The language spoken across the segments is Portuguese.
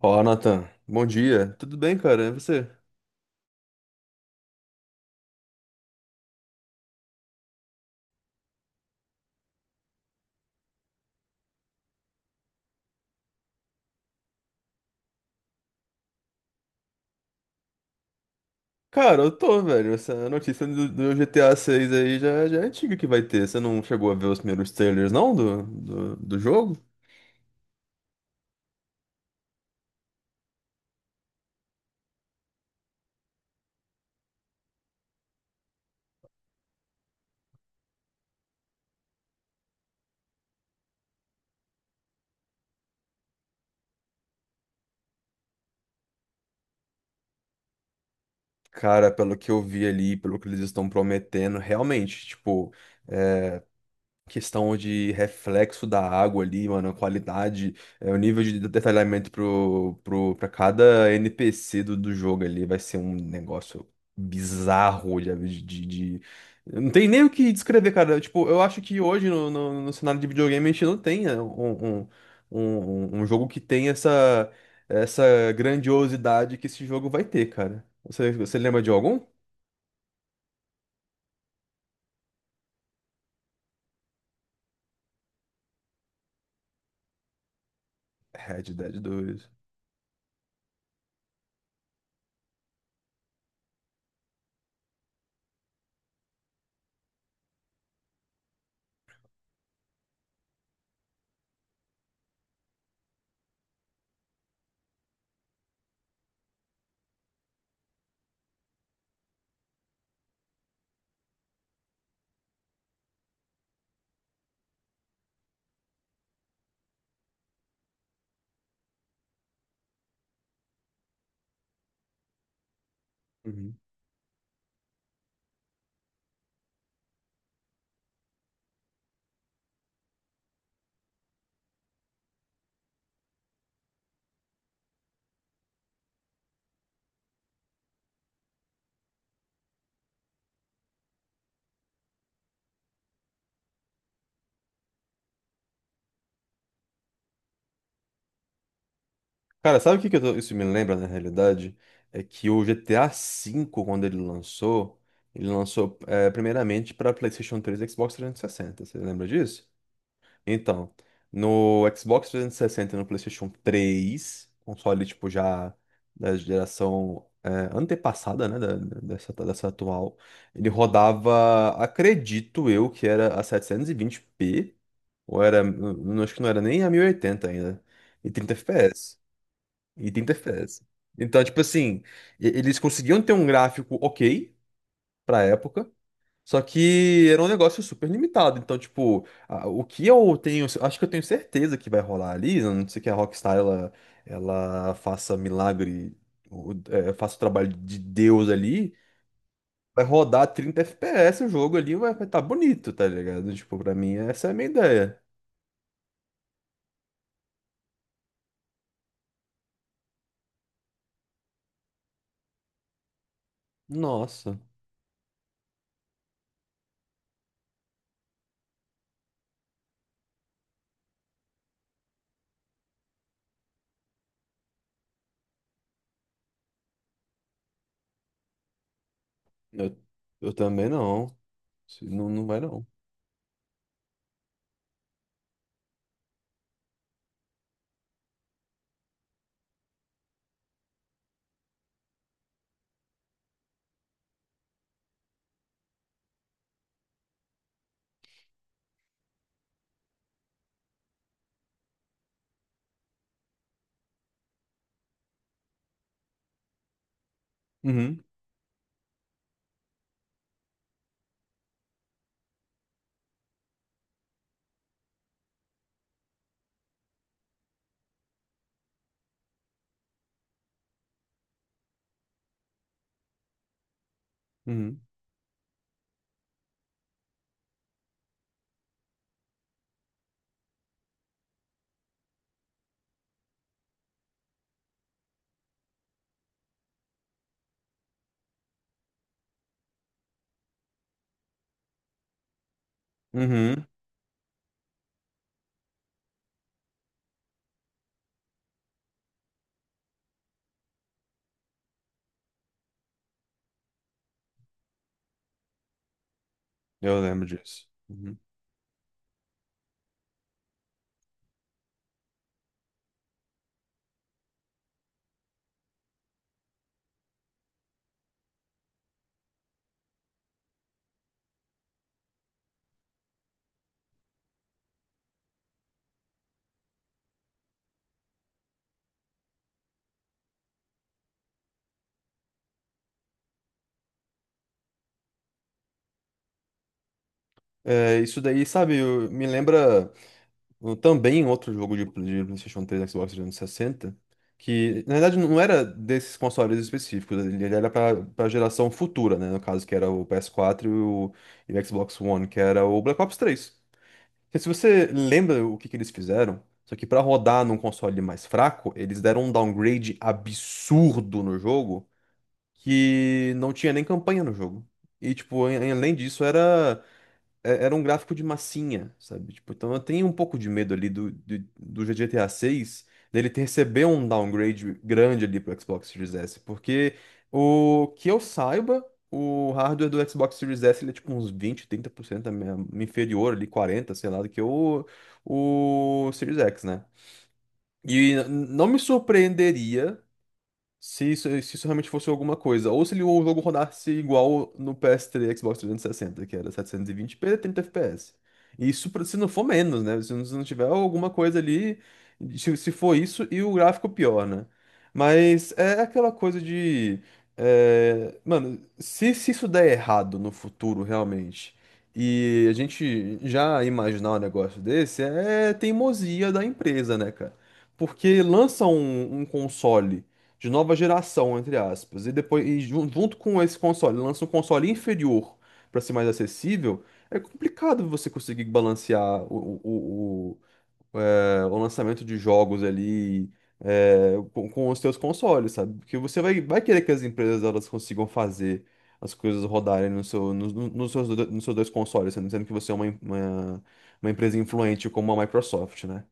Olá, Nathan, bom dia. Tudo bem, cara? E você? Cara, eu tô, velho. Essa notícia do GTA 6 aí já é antiga que vai ter. Você não chegou a ver os primeiros trailers, não, do jogo? Cara, pelo que eu vi ali, pelo que eles estão prometendo, realmente, tipo. Questão de reflexo da água ali, mano, a qualidade, o nível de detalhamento pra cada NPC do jogo ali vai ser um negócio bizarro de- não tem nem o que descrever, cara. Tipo, eu acho que hoje no cenário de videogame a gente não tem um jogo que tem essa grandiosidade que esse jogo vai ter, cara. Você lembra de algum? Red Dead 2. Cara, sabe o que que isso me lembra na realidade? É que o GTA V, quando ele lançou, primeiramente para PlayStation 3 e Xbox 360. Você lembra disso? Então, no Xbox 360 e no PlayStation 3 console tipo já da geração antepassada, né, dessa atual, ele rodava, acredito eu, que era a 720p ou era, não, acho que não era nem a 1080 ainda, e 30 FPS. E 30 FPS. Então, tipo assim, eles conseguiam ter um gráfico ok pra época, só que era um negócio super limitado. Então, tipo, o que eu tenho, acho que eu tenho certeza que vai rolar ali, a não ser que a Rockstar ela faça milagre, faça o trabalho de Deus ali, vai rodar 30 FPS o jogo ali, vai estar bonito, tá ligado? Tipo, pra mim, essa é a minha ideia. Nossa, eu, eu também não. Não, não vai não. Uhum, uhum, uhum. Eu lembro disso. Uhum. É, isso daí, sabe, me lembra também outro jogo de PlayStation 3 e Xbox 360 que na verdade não era desses consoles específicos, ele era para a geração futura, né? No caso, que era o PS4 e o Xbox One, que era o Black Ops 3. Porque se você lembra o que, que eles fizeram, só que para rodar num console mais fraco, eles deram um downgrade absurdo no jogo que não tinha nem campanha no jogo. E, tipo, além disso, era um gráfico de massinha, sabe? Tipo, então eu tenho um pouco de medo ali do GTA 6 dele ter receber um downgrade grande ali pro Xbox Series S, porque o que eu saiba, o hardware do Xbox Series S ele é tipo uns 20, 30% inferior ali, 40, sei lá, do que o Series X, né? E não me surpreenderia se isso realmente fosse alguma coisa. Ou se ele- o jogo rodasse igual no PS3 e Xbox 360, que era 720p, 30 FPS. Isso se não for menos, né? Se não tiver alguma coisa ali. Se for isso e o gráfico pior, né? Mas é aquela coisa de. Mano, se isso der errado no futuro, realmente, e a gente já imaginar um negócio desse, é teimosia da empresa, né, cara? Porque lança um console de nova geração, entre aspas. E depois, junto com esse console, lança um console inferior para ser mais acessível. É complicado você conseguir balancear o lançamento de jogos ali com os seus consoles, sabe? Porque você vai querer que as empresas elas consigam fazer as coisas rodarem no seu, nos no, nos seus, do- nos seus dois consoles, sendo que você é uma empresa influente como a Microsoft, né?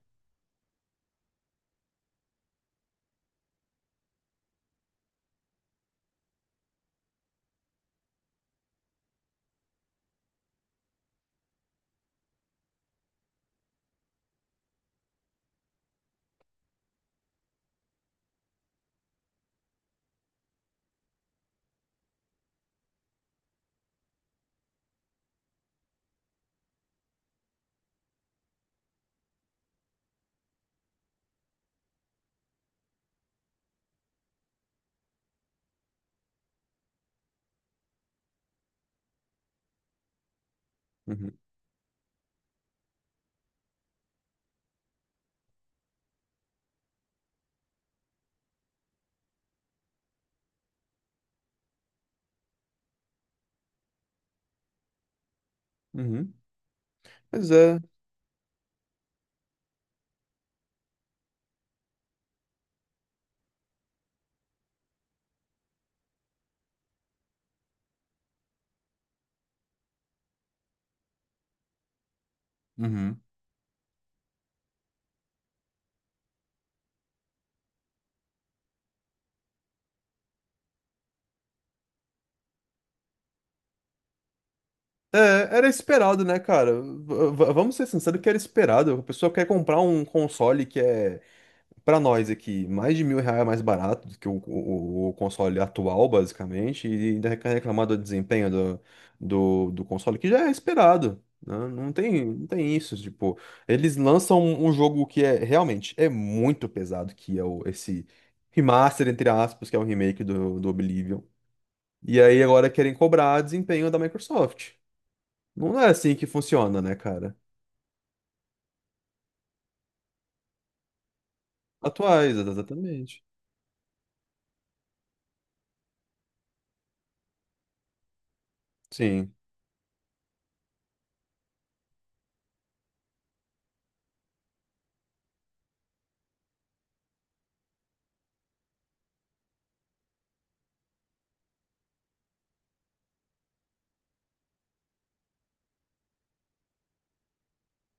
Uhum. Uhum. Mas é. Uhum. É, era esperado, né, cara? Vamos ser sinceros que era esperado. A pessoa quer comprar um console que é, pra nós aqui, mais de 1.000 reais mais barato do que o console atual, basicamente, e ainda quer reclamar do desempenho do console, que já é esperado, né? Não tem isso, tipo, eles lançam um jogo que é realmente é muito pesado, que é o, esse remaster, entre aspas, que é o remake do Oblivion. E aí agora querem cobrar desempenho da Microsoft. Não é assim que funciona, né, cara? Atuais, exatamente. Sim,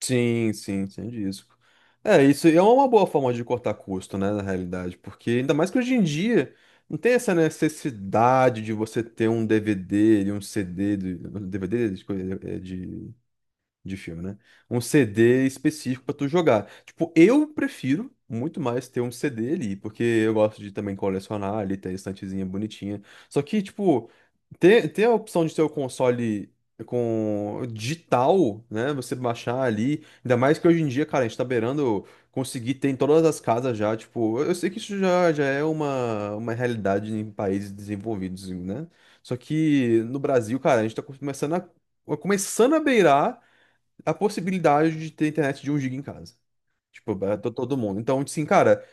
sim, sim, sem disco. É, isso é uma boa forma de cortar custo, né, na realidade, porque ainda mais que hoje em dia não tem essa necessidade de você ter um DVD e um CD, de, DVD de, coisa- é, de filme, né? Um CD específico pra tu jogar. Tipo, eu prefiro muito mais ter um CD ali, porque eu gosto de também colecionar ali, ter a estantezinha bonitinha. Só que, tipo. Ter a opção de ter o console com digital, né? Você baixar ali. Ainda mais que hoje em dia, cara, a gente tá beirando conseguir ter em todas as casas já. Tipo, eu sei que isso já é uma realidade em países desenvolvidos, né? Só que no Brasil, cara, a gente tá começando a beirar a possibilidade de ter internet de um giga em casa. Tipo, todo mundo. Então, tipo assim, cara,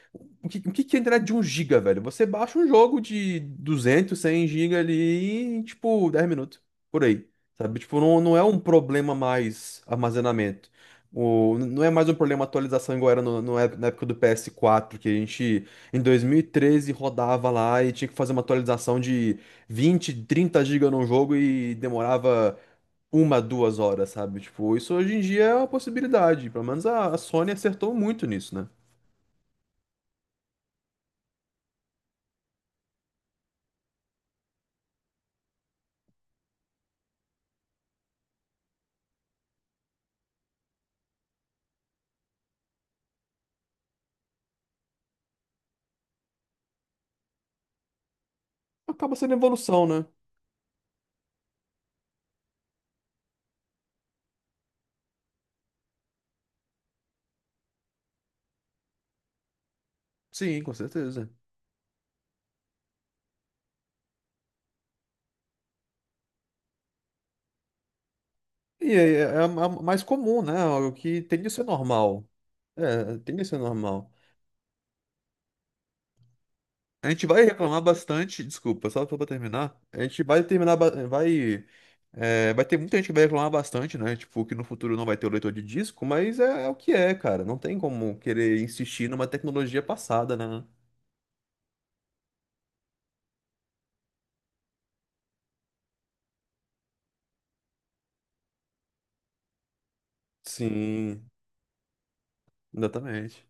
o que que é a internet de um giga, velho? Você baixa um jogo de 200 100 giga ali em, tipo, 10 minutos, por aí. Sabe? Tipo, não, não é um problema mais armazenamento. O, não é mais um problema atualização igual era no, no ép- na época do PS4 que a gente, em 2013 rodava lá e tinha que fazer uma atualização de 20 30 giga num jogo e demorava uma, duas horas, sabe? Tipo, isso hoje em dia é uma possibilidade. Pelo menos a Sony acertou muito nisso, né? Acaba sendo evolução, né? Sim, com certeza. E a mais comum, né? O que tem de ser normal. É, tende a ser normal. A gente vai reclamar bastante, desculpa, só pra terminar. A gente vai terminar. Vai ter muita gente que vai reclamar bastante, né? Tipo, que no futuro não vai ter o leitor de disco, mas é o que é, cara. Não tem como querer insistir numa tecnologia passada, né? Sim, exatamente.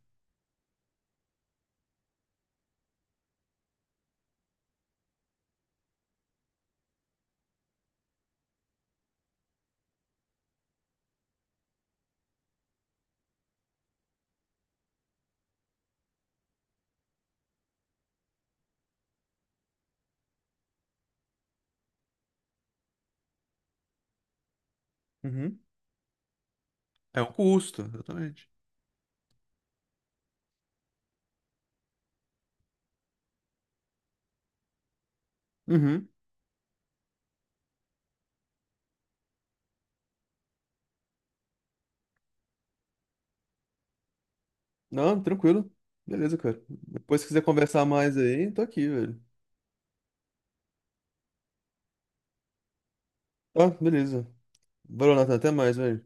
Uhum. É um custo, exatamente. Uhum. Não, tranquilo. Beleza, cara. Depois se quiser conversar mais aí, tô aqui, velho. Tá, beleza. Valeu, Nathan. Até mais, velho.